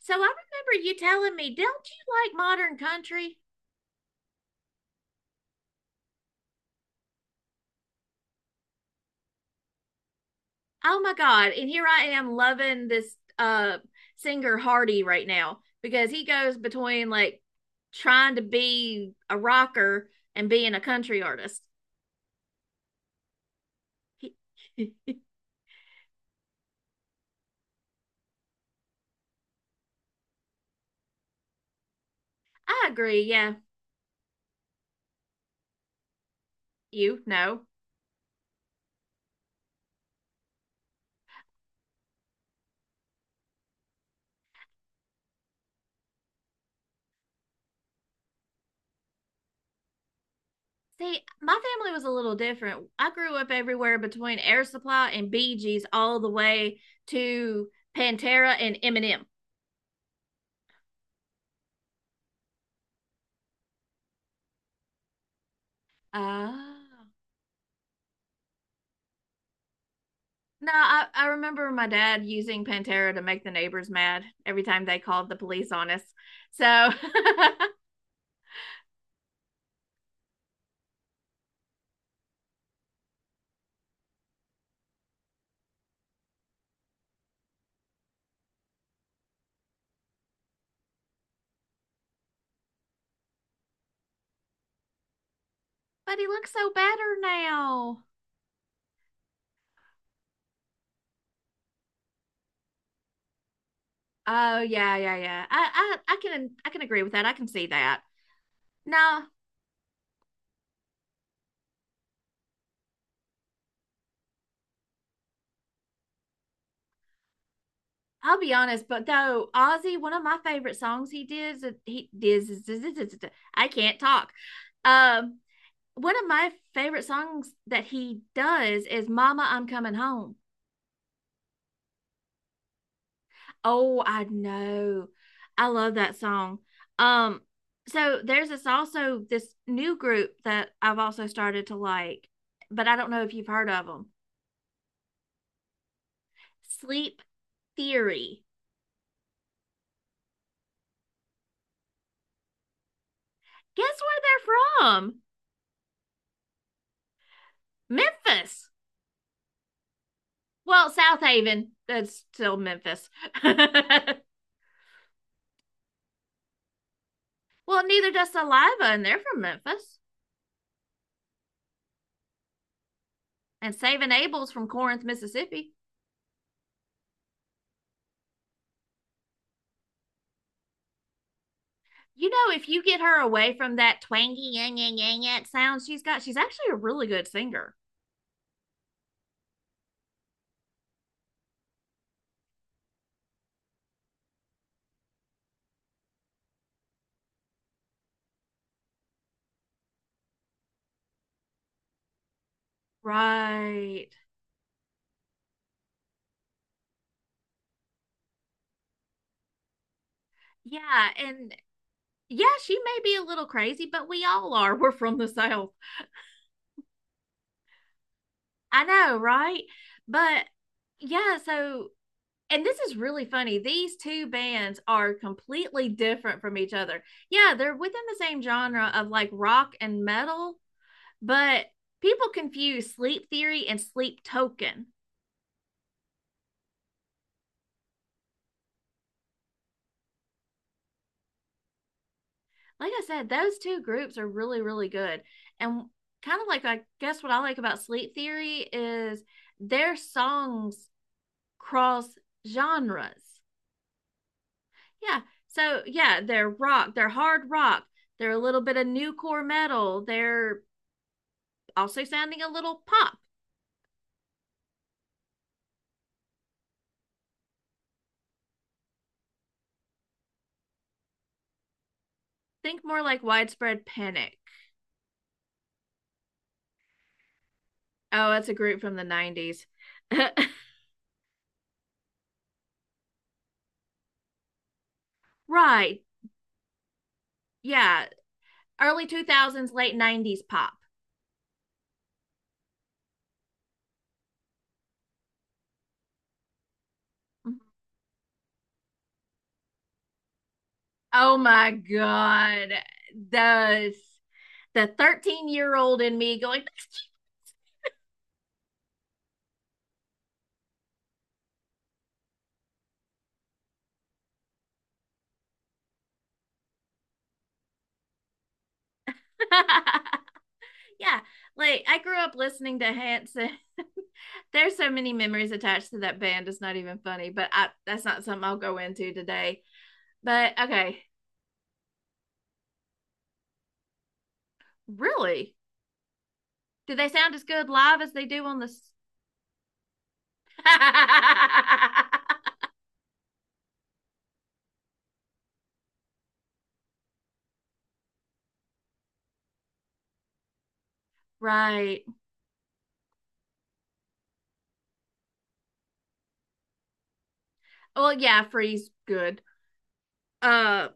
So I remember you telling me, don't you like modern country? Oh my God. And here I am loving this singer Hardy right now because he goes between like trying to be a rocker and being a country artist. I agree, yeah. You know. See, my family was a little different. I grew up everywhere between Air Supply and Bee Gees all the way to Pantera and Eminem. Ah. No, I remember my dad using Pantera to make the neighbors mad every time they called the police on us. So, but he looks so better now. Oh yeah, yeah, yeah. I can agree with that. I can see that. No, I'll be honest, but though Ozzy, one of my favorite songs he did. I can't talk. Um, One of my favorite songs that he does is "Mama, I'm Coming Home." Oh, I know. I love that song. Um, so there's this also this new group that I've also started to like, but I don't know if you've heard of them. Sleep Theory. Guess where they're from? Memphis. Well, South Haven. That's still Memphis. Well, neither does Saliva, and they're from Memphis. And Saving Abel's from Corinth, Mississippi. You know, if you get her away from that twangy yang yang yang yang sound she's got, she's actually a really good singer. Right. Yeah, and yeah, she may be a little crazy, but we all are. We're from the South. I know, right? But yeah, so and this is really funny. These two bands are completely different from each other. Yeah, they're within the same genre of like rock and metal, but people confuse Sleep Theory and Sleep Token. Like I said, those two groups are really, really good. And kind of like, I guess what I like about Sleep Theory is their songs cross genres. Yeah. So, yeah, they're rock, they're hard rock, they're a little bit of new core metal, they're also sounding a little pop. Think more like Widespread Panic. Oh, that's a group from the 90s. Right. Yeah. Early 2000s, late 90s pop. Mhm. Oh my God. The the 13-year-old in me going, yeah. Like I grew up listening to Hanson. There's so many memories attached to that band. It's not even funny, but I, that's not something I'll go into today. But okay, really? Do they sound as good live as they do on the? Right. Well, yeah, Freeze good. Uh,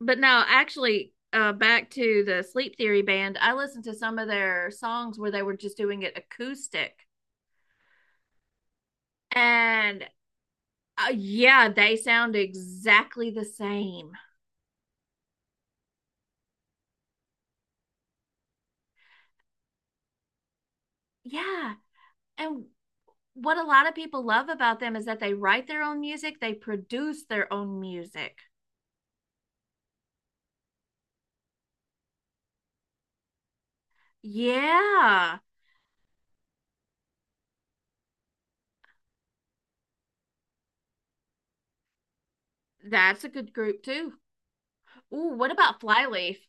but no, actually, back to the Sleep Theory band, I listened to some of their songs where they were just doing it acoustic. And yeah, they sound exactly the same. Yeah. And what a lot of people love about them is that they write their own music, they produce their own music. Yeah. That's a good group too. Ooh, what about Flyleaf?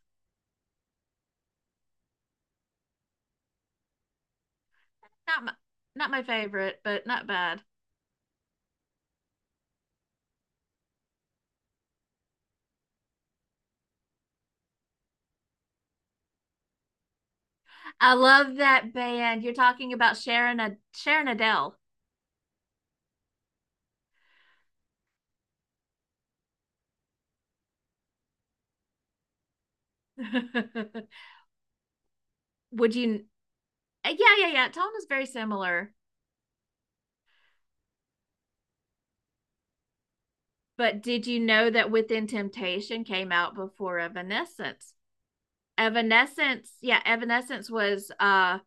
Not my, not my favorite, but not bad. I love that band. You're talking about Sharon Adele. Would you? Yeah, yeah, yeah. Tone is very similar. But did you know that Within Temptation came out before Evanescence? Evanescence, yeah, Evanescence was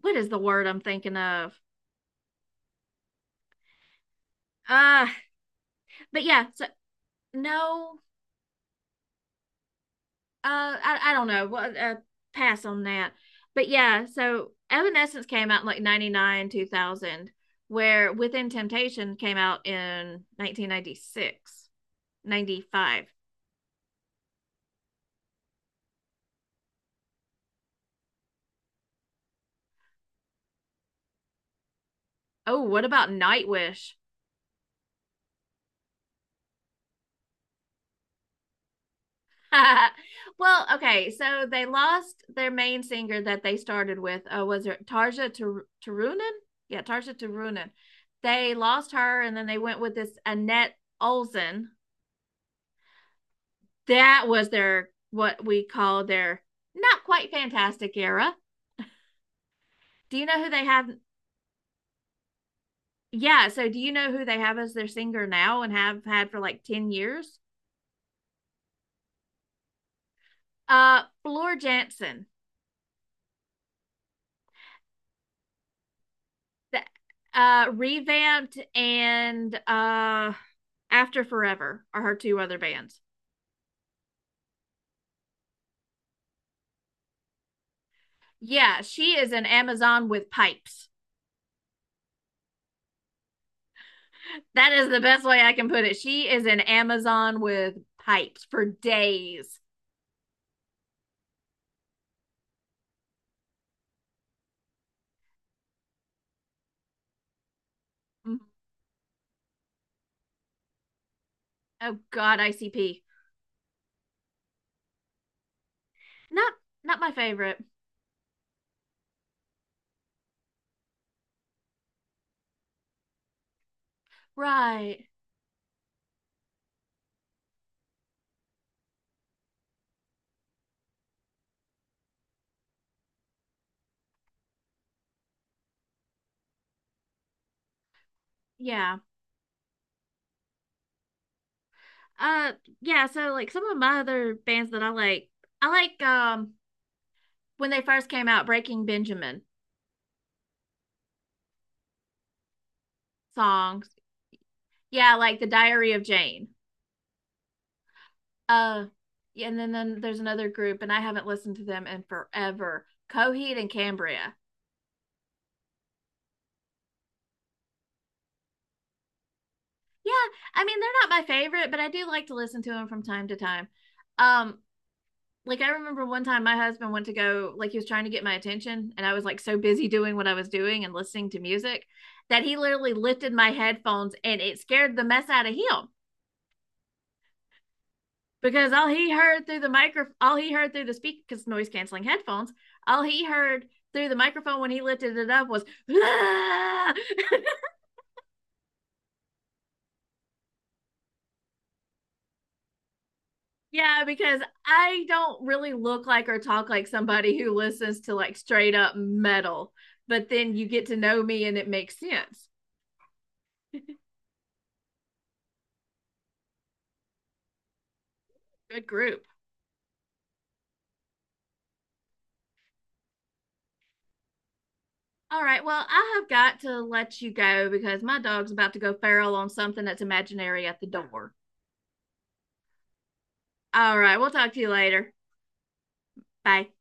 what is the word I'm thinking of? Uh but yeah, so no, I don't know. What pass on that. But yeah, so Evanescence came out in like 99, 2000, where Within Temptation came out in 1996, 95. Oh, what about Nightwish? Well, okay, so they lost their main singer that they started with. Was it Turunen? Yeah, Tarja Turunen. They lost her, and then they went with this Annette Olsen. That was their what we call their not quite fantastic era. Do you know who they have? Yeah, so do you know who they have as their singer now and have had for like 10 years? Floor Jansen. The revamped and after forever are her two other bands. Yeah, she is an amazon with pipes. That is the best way I can put it. She is an amazon with pipes for days. Mm. Oh god, ICP. not not my favorite. Right. Yeah. uh yeah, so like some of my other bands that I like, when they first came out, Breaking Benjamin songs. Yeah, like the diary of jane. Uh, yeah, and then there's another group, and I haven't listened to them in forever. Coheed and Cambria. Yeah, I mean they're not my favorite, but I do like to listen to them from time to time. Um, like I remember one time my husband went to go, like he was trying to get my attention, and I was like so busy doing what I was doing and listening to music that he literally lifted my headphones, and it scared the mess out of him. Because all he heard through the speaker, because noise canceling headphones all he heard through the microphone when he lifted it up was "Ah!" Yeah, because I don't really look like or talk like somebody who listens to like straight up metal, but then you get to know me and it makes sense. Good group. All right, well I have got to let you go because my dog's about to go feral on something that's imaginary at the door. All right, we'll talk to you later. Bye.